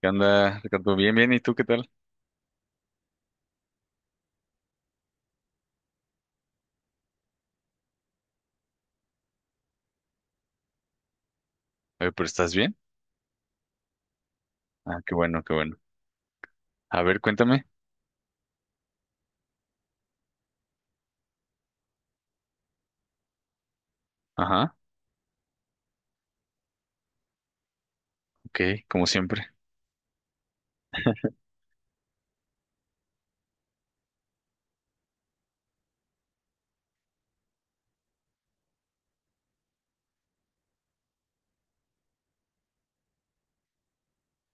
¿Qué onda, Ricardo? Bien, bien, ¿y tú qué tal? Oye, pero ¿estás bien? Ah, qué bueno, qué bueno. A ver, cuéntame. Ajá, ok, como siempre.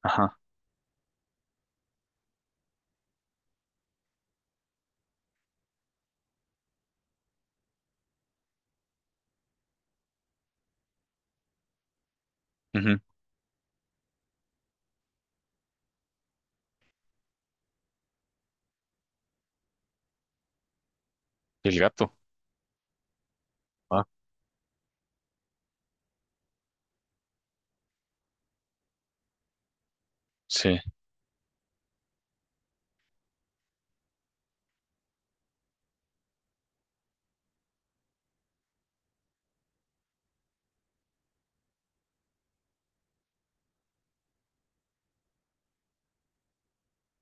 Ajá, ujú. El gato. Ah, sí.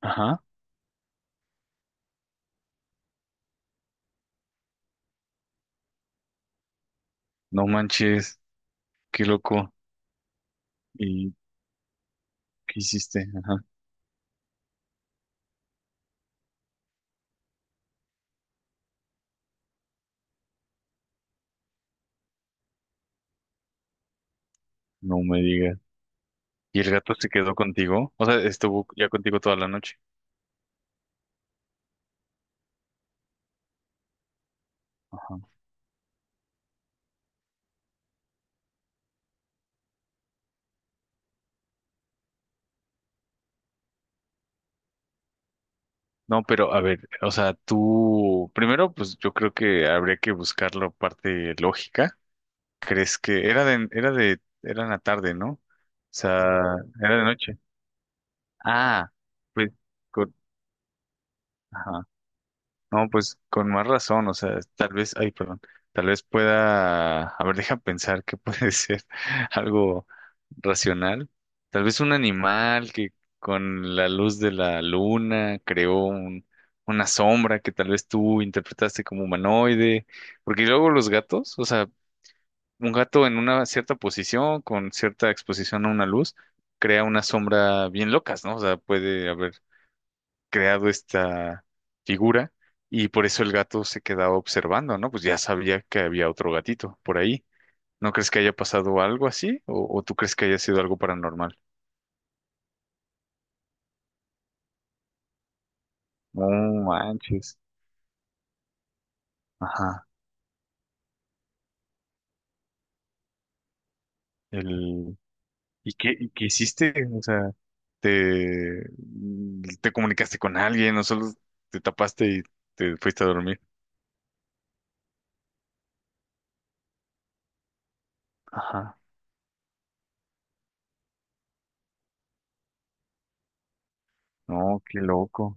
Ajá, no manches, qué loco. ¿Y qué hiciste? Ajá, no me digas. ¿Y el gato se quedó contigo? O sea, ¿estuvo ya contigo toda la noche? Ajá. No, pero a ver, o sea, tú, primero, pues yo creo que habría que buscar la parte lógica. ¿Crees que era era en la tarde, ¿no? O sea, era de noche. Ah, pues con, ajá. No, pues con más razón, o sea, tal vez, ay, perdón, tal vez pueda, a ver, deja pensar que puede ser algo racional. Tal vez un animal que con la luz de la luna creó una sombra que tal vez tú interpretaste como humanoide, porque luego los gatos, o sea, un gato en una cierta posición, con cierta exposición a una luz, crea unas sombras bien locas, ¿no? O sea, puede haber creado esta figura y por eso el gato se quedaba observando, ¿no? Pues ya sabía que había otro gatito por ahí. ¿No crees que haya pasado algo así? O tú crees que haya sido algo paranormal? No manches. Ajá. El... ¿Y qué hiciste? O sea, ¿te, te comunicaste con alguien o solo te tapaste y te fuiste a dormir? Ajá. No, qué loco.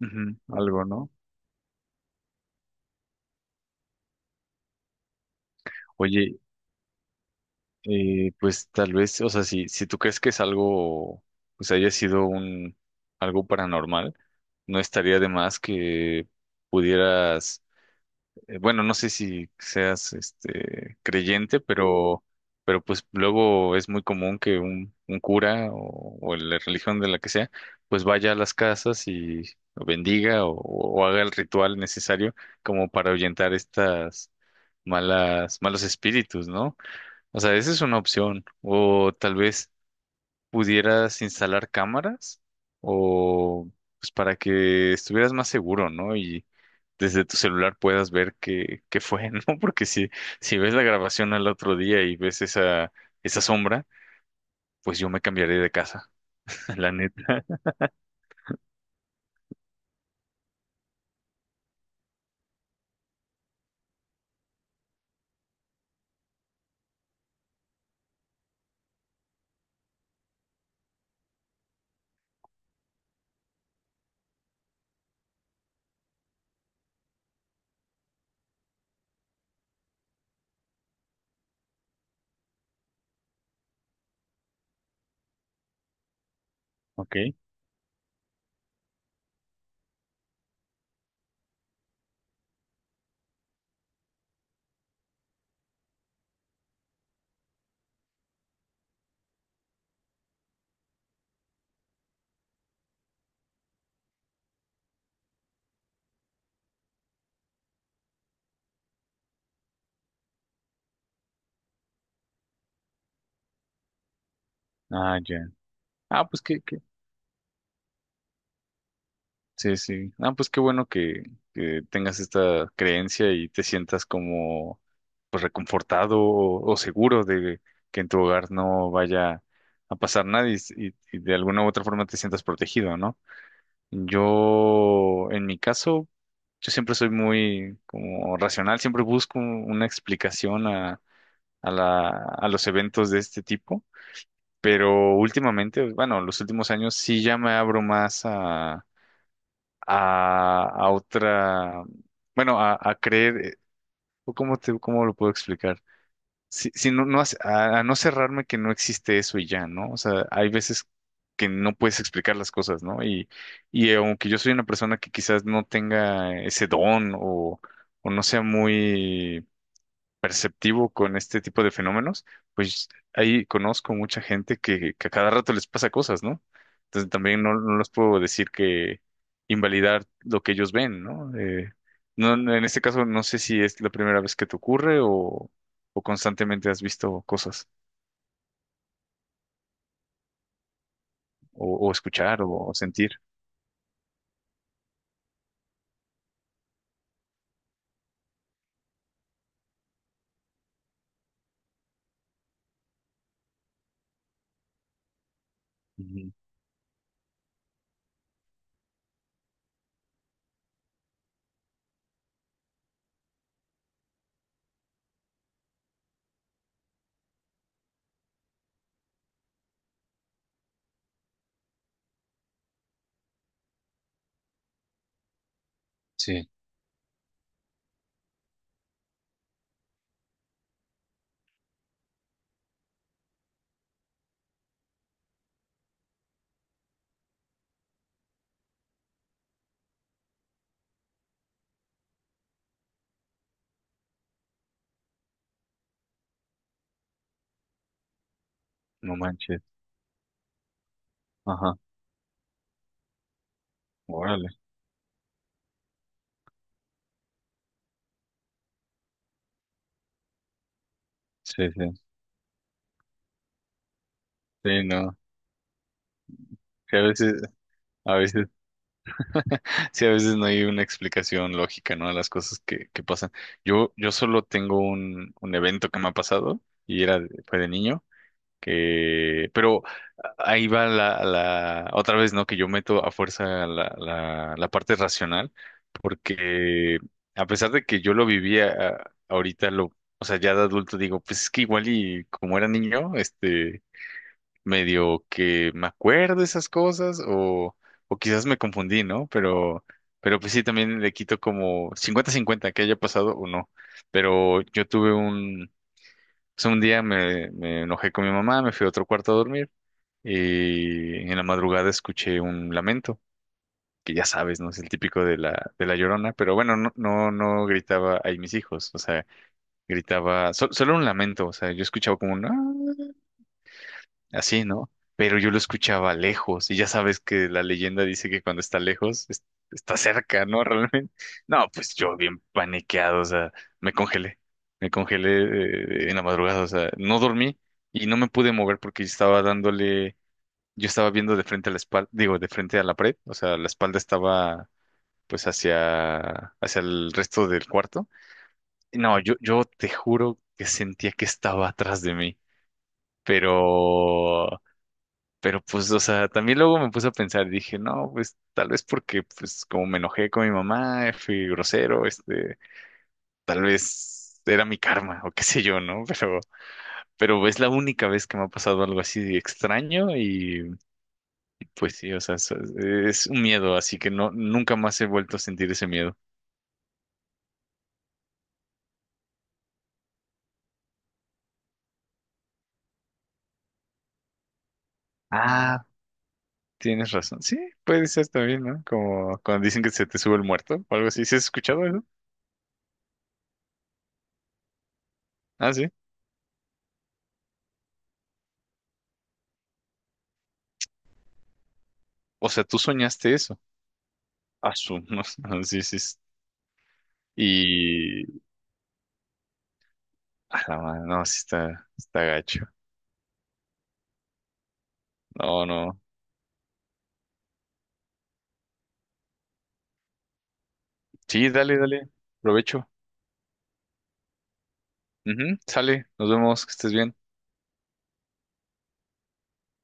Ujú, algo, ¿no? Oye, eh, pues tal vez, o sea, si, si tú crees que es algo, pues haya sido un algo paranormal, no estaría de más que pudieras, bueno, no sé si seas este creyente, pero pues luego es muy común que un cura o la religión de la que sea, pues vaya a las casas y bendiga o haga el ritual necesario como para ahuyentar estas malas, malos espíritus, ¿no? O sea, esa es una opción. O tal vez pudieras instalar cámaras o pues para que estuvieras más seguro, ¿no? Y desde tu celular puedas ver qué, qué fue, ¿no? Porque si, si ves la grabación al otro día y ves esa, esa sombra, pues yo me cambiaré de casa, la neta. Ok. Ah, ya. Ah, pues que sí, sí. Ah, pues qué bueno que tengas esta creencia y te sientas como pues reconfortado o seguro de que en tu hogar no vaya a pasar nada y, y de alguna u otra forma te sientas protegido, ¿no? Yo, en mi caso, yo siempre soy muy como racional, siempre busco una explicación a la, a los eventos de este tipo, pero últimamente, bueno, los últimos años sí ya me abro más a otra, bueno, a creer, o ¿cómo te, cómo lo puedo explicar? Si, si no, no, a no cerrarme que no existe eso y ya, ¿no? O sea, hay veces que no puedes explicar las cosas, ¿no? Y aunque yo soy una persona que quizás no tenga ese don o no sea muy activo con este tipo de fenómenos, pues ahí conozco mucha gente que a cada rato les pasa cosas, ¿no? Entonces también no, no les puedo decir que invalidar lo que ellos ven, ¿no? No, no, en este caso no sé si es la primera vez que te ocurre o constantemente has visto cosas o escuchar o, sentir. Ujú. Sí, no manches. Ajá, órale. Sí, sí. Sí, no. Que a veces sí, a veces no hay una explicación lógica, ¿no? A las cosas que pasan. Yo solo tengo un evento que me ha pasado y era, fue de niño, que, pero ahí va la, la, otra vez, ¿no? Que yo meto a fuerza la, la, la parte racional, porque a pesar de que yo lo vivía ahorita, lo, o sea, ya de adulto digo, pues es que igual y como era niño, este, medio que me acuerdo esas cosas o quizás me confundí, ¿no? Pero pues sí, también le quito como cincuenta cincuenta que haya pasado o no. Pero yo tuve un, pues un día me, me enojé con mi mamá, me fui a otro cuarto a dormir y en la madrugada escuché un lamento, que ya sabes, ¿no? Es el típico de la Llorona, pero bueno, no, no, no gritaba ahí mis hijos, o sea, gritaba, solo un lamento, o sea, yo escuchaba como un... "Ah", así, ¿no? Pero yo lo escuchaba lejos y ya sabes que la leyenda dice que cuando está lejos está cerca, ¿no? Realmente. No, pues yo bien paniqueado, o sea, me congelé, me congelé, en la madrugada, o sea, no dormí y no me pude mover porque yo estaba dándole, yo estaba viendo de frente a la espalda, digo, de frente a la pared, o sea, la espalda estaba pues hacia, hacia el resto del cuarto. Y no, yo te juro que sentía que estaba atrás de mí, pero pero pues, o sea, también luego me puse a pensar dije, no, pues tal vez porque, pues como me enojé con mi mamá, fui grosero, este, tal vez era mi karma o qué sé yo, ¿no? Pero es la única vez que me ha pasado algo así de extraño y pues sí, o sea, es un miedo, así que no, nunca más he vuelto a sentir ese miedo. Ah, tienes razón. Sí, puede ser también, ¿no? Como cuando dicen que se te sube el muerto o algo así. ¿Sí has escuchado eso? Ah, sí. O sea, tú soñaste eso. Ah, no, sí, sí, y a la mano, no, sí está, está gacho. No, no. Sí, dale, dale. Provecho. Ujú, sale, nos vemos, que estés bien.